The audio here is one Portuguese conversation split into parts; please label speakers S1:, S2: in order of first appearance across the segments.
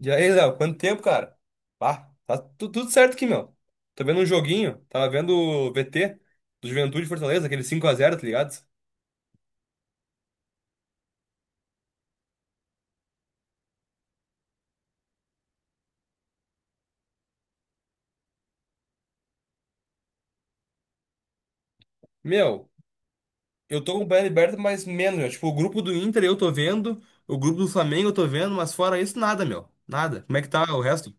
S1: E aí, Léo, quanto tempo, cara? Pá, tá tudo certo aqui, meu. Tô vendo um joguinho, tava vendo o VT do Juventude e Fortaleza, aquele 5 a 0, tá ligado? Meu, eu tô acompanhando a Liberta, mas menos, meu. Tipo, o grupo do Inter eu tô vendo, o grupo do Flamengo eu tô vendo, mas fora isso, nada, meu. Nada. Como é que tá o resto?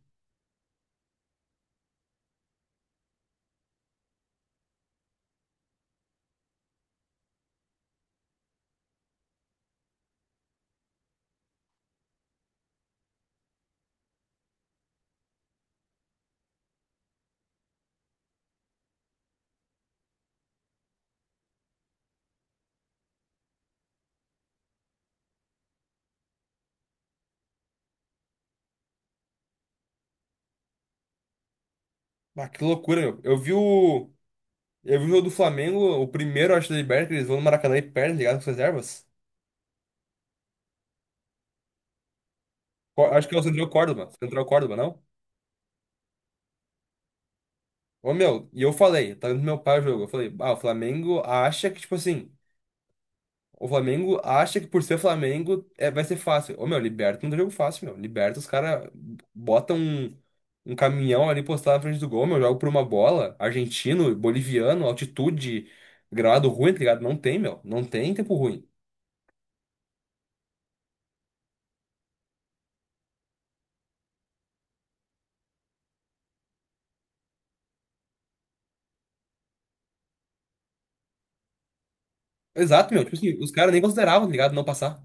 S1: Ah, que loucura, meu. Eu vi o jogo do Flamengo, o primeiro, acho, da Liberta, que eles vão no Maracanã e perdem, tá ligado, com as reservas. Acho que é o Central Córdoba. Central Córdoba, não? Ô, meu, e eu falei, tá vendo meu pai o jogo. Eu falei, ah, o Flamengo acha que, tipo assim, o Flamengo acha que por ser Flamengo é, vai ser fácil. Ô, meu, Liberta não dá jogo fácil, meu. Liberta, os caras botam um caminhão ali postado na frente do gol, meu, jogo por uma bola. Argentino, boliviano, altitude, gramado ruim, tá ligado? Não tem, meu. Não tem tempo ruim. Exato, meu. Tipo assim, os caras nem consideravam, tá ligado? Não passar.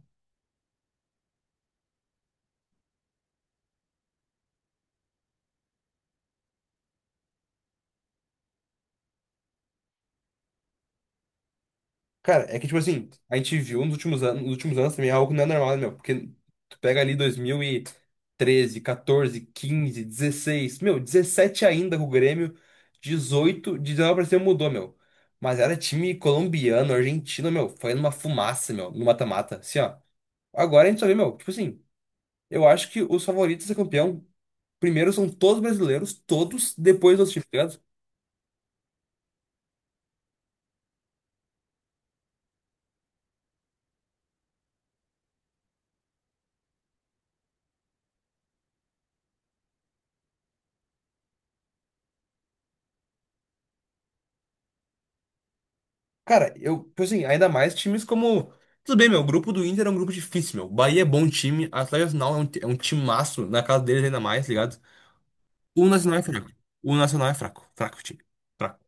S1: Cara, é que, tipo assim, a gente viu nos últimos anos também algo que não é normal, né, meu. Porque tu pega ali 2013, 14, 15, 16, meu, 17 ainda com o Grêmio, 18, 19 pra cima mudou, meu. Mas era time colombiano, argentino, meu. Foi numa fumaça, meu, no mata-mata. Assim, ó. Agora a gente só vê, meu, tipo assim, eu acho que os favoritos a ser campeão, primeiro são todos brasileiros, todos, depois dos times. Cara, eu, tipo assim, ainda mais times como. Tudo bem, meu, o grupo do Inter é um grupo difícil, meu. Bahia é bom time, Atlético Nacional é um timaço, na casa deles ainda mais, ligado? O Nacional é fraco. O Nacional é fraco. Fraco, time. Fraco.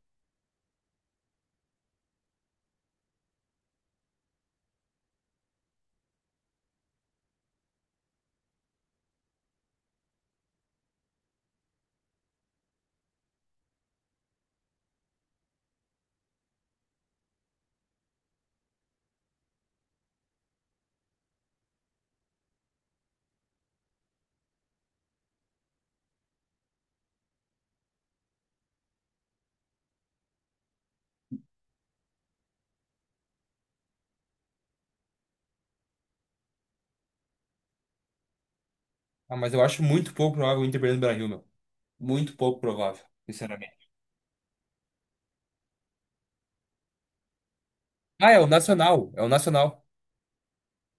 S1: Ah, mas eu acho muito pouco provável o Inter perder no Brasil, meu. Muito pouco provável, sinceramente. Ah, é o Nacional. É o Nacional.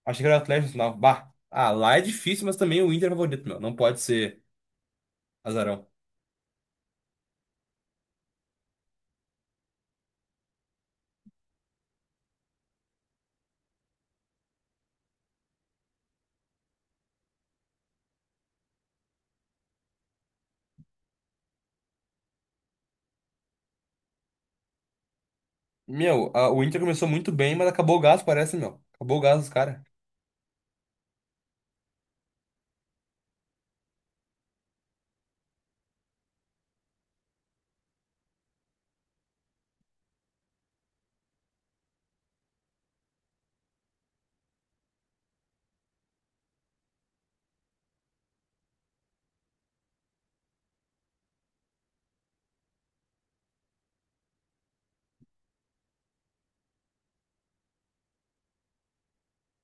S1: Achei que era o Atlético Nacional. Bah. Ah, lá é difícil, mas também o Inter é favorito, meu. Não pode ser azarão. Meu, o Inter começou muito bem, mas acabou o gás, parece, meu. Acabou o gás dos caras.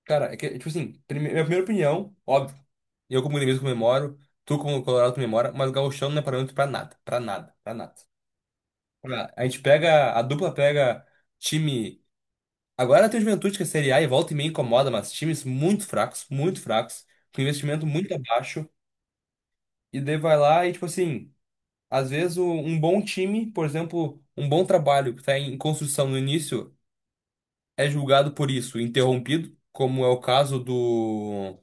S1: Cara, é que, tipo assim, minha primeira opinião, óbvio, eu como gremista comemoro, tu como colorado comemora, mas gauchão não é parâmetro pra nada, pra nada, pra nada. A gente pega, a dupla pega time, agora tem o Juventude que é Série A e volta e meia incomoda, mas times muito fracos, com investimento muito abaixo, e daí vai lá e, tipo assim, às vezes um bom time, por exemplo, um bom trabalho que tá em construção no início, é julgado por isso, interrompido, como é o caso do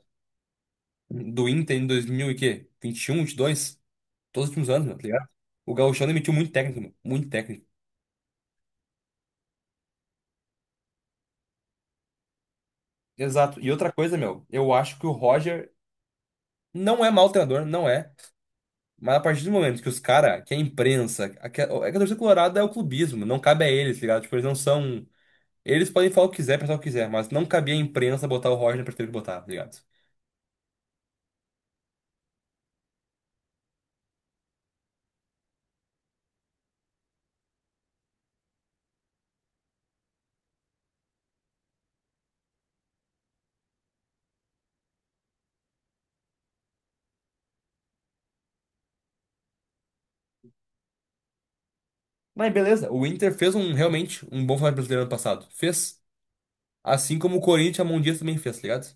S1: do Inter em 2000 e quê? 21, 22? Todos os últimos anos, meu, tá ligado? O Gauchão demitiu muito técnico, meu. Muito técnico. Exato. E outra coisa, meu, eu acho que o Roger não é mau treinador, não é. Mas a partir do momento que os caras, que a imprensa, é que a torcida colorada é o clubismo, não cabe a eles, tá ligado? Tipo, eles não são. Eles podem falar o que quiser, pensar o que quiser, mas não cabia a imprensa botar o Roger na perspectiva que botar, tá ligado? Mas beleza, o Inter fez um realmente um bom Campeonato Brasileiro ano passado. Fez. Assim como o Corinthians e a Mão Dias também fez, tá ligado?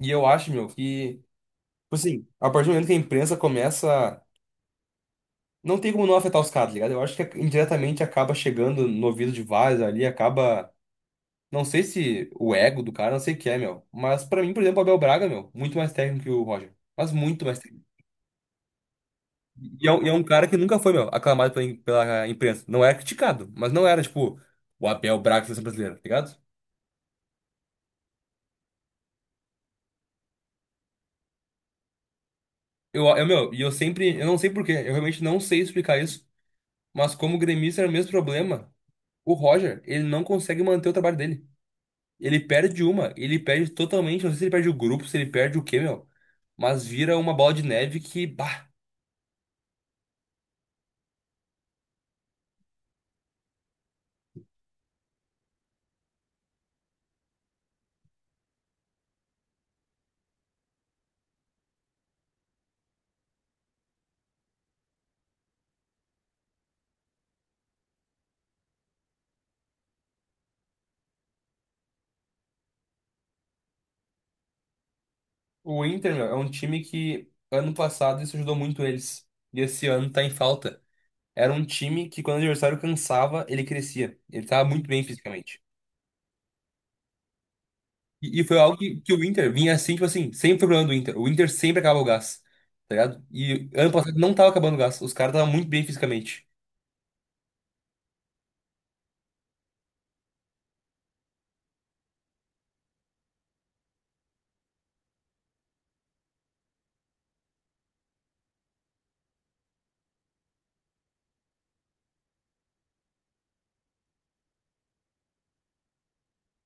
S1: E eu acho, meu, que, tipo assim, a partir do momento que a imprensa começa. Não tem como não afetar os caras, tá ligado? Eu acho que indiretamente acaba chegando no ouvido de vários ali, acaba. Não sei se o ego do cara, não sei o que é, meu. Mas pra mim, por exemplo, o Abel Braga, meu, muito mais técnico que o Roger. Mas muito mais técnico. E é um cara que nunca foi, meu, aclamado pela imprensa. Não era criticado, mas não era, tipo, o Abel Braga da seleção brasileira, tá ligado? Eu, meu, e eu sempre, eu não sei por quê, eu realmente não sei explicar isso. Mas como o gremista era o mesmo problema, o Roger, ele não consegue manter o trabalho dele. Ele perde uma, ele perde totalmente, não sei se ele perde o grupo, se ele perde o quê, meu. Mas vira uma bola de neve que, bah, o Inter, meu, é um time que ano passado isso ajudou muito eles. E esse ano tá em falta. Era um time que quando o adversário cansava, ele crescia. Ele tava muito bem fisicamente. E foi algo que o Inter vinha assim, tipo assim, sempre foi o problema do Inter. O Inter sempre acaba o gás, tá ligado? E ano passado não tava acabando o gás, os caras estavam muito bem fisicamente.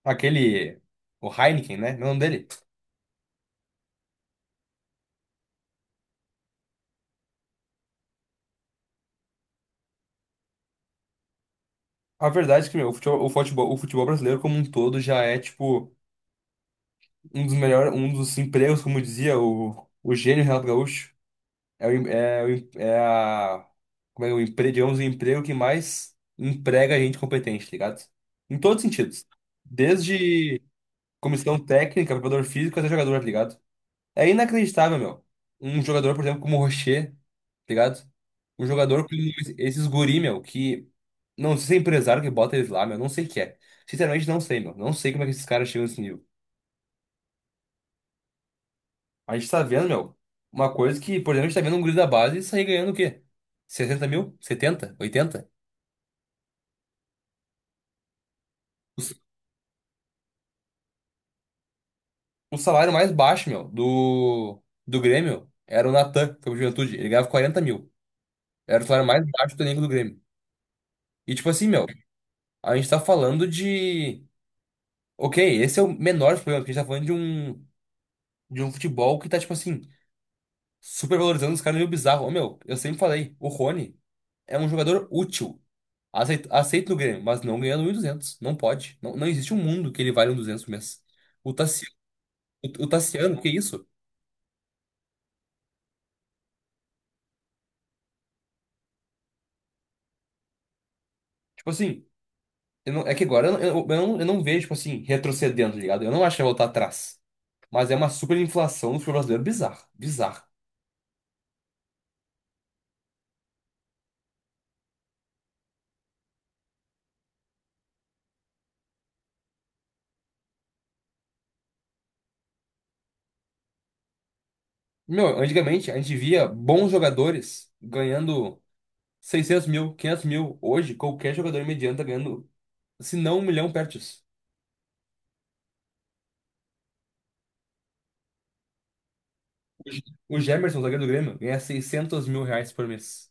S1: Aquele. O Heineken, né? Meu nome dele. A verdade é que meu, o futebol brasileiro como um todo já é, tipo, um dos melhores, um dos empregos, como dizia o gênio Renato Gaúcho. É, o, em- é, o em- é a. Como é o emprego, digamos, o emprego que mais emprega gente competente, tá ligado? Em todos os sentidos. Desde comissão técnica, preparador físico até jogador, tá ligado? É inacreditável, meu. Um jogador, por exemplo, como o Rocher, tá ligado? Um jogador com esses guri, meu, que. Não sei se é empresário que bota eles lá, meu. Não sei o que é. Sinceramente, não sei, meu. Não sei como é que esses caras chegam nesse nível. A gente tá vendo, meu, uma coisa que, por exemplo, a gente tá vendo um guri da base sair ganhando o quê? 60 mil, 70, 80? O, s- o salário mais baixo, meu, do Grêmio era o Natan, que foi pro Juventude. Ele ganhava 40 mil. Era o salário mais baixo do elenco do Grêmio. E, tipo assim, meu, a gente tá falando de. OK, esse é o menor problema problemas, porque a gente tá falando de um futebol que tá, tipo assim, super valorizando os caras meio bizarro. Ô, meu, eu sempre falei, o Rony é um jogador útil. Aceito, aceito no Grêmio, mas não ganhando um e duzentos. Não pode. Não, não existe um mundo que ele vale um duzentos por mês. O Tassiano, o Tassiano, que isso? Tipo assim, eu não- é que agora eu não vejo, tipo assim, retrocedendo, tá ligado? Eu não acho que vai voltar atrás. Mas é uma super inflação do futebol brasileiro bizarro. Bizarra. Meu, antigamente a gente via bons jogadores ganhando 600 mil, 500 mil. Hoje, qualquer jogador mediano tá ganhando, se não 1 milhão perto disso. O Jamerson, zagueiro do Grêmio, ganha R$ 600 mil por mês.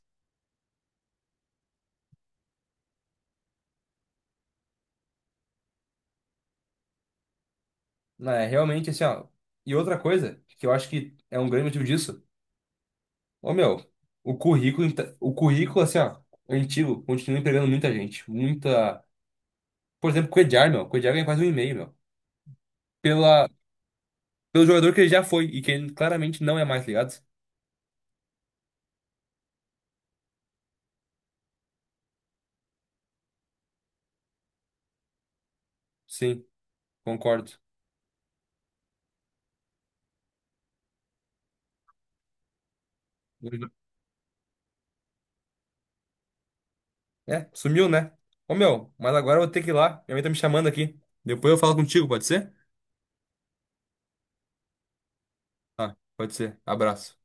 S1: Não, é realmente assim, ó. E outra coisa, que eu acho que é um grande motivo disso, ô meu, o currículo, assim, ó, antigo, continua empregando muita gente. Muita. Por exemplo, o Cuéllar, meu. O Cuéllar ganha quase um e meio, meu. Pela... Pelo jogador que ele já foi e que ele claramente não é mais, ligado? Sim, concordo. É, sumiu, né? Ô, meu, mas agora eu vou ter que ir lá. Minha mãe tá me chamando aqui. Depois eu falo contigo, pode ser? Tá, pode ser. Abraço.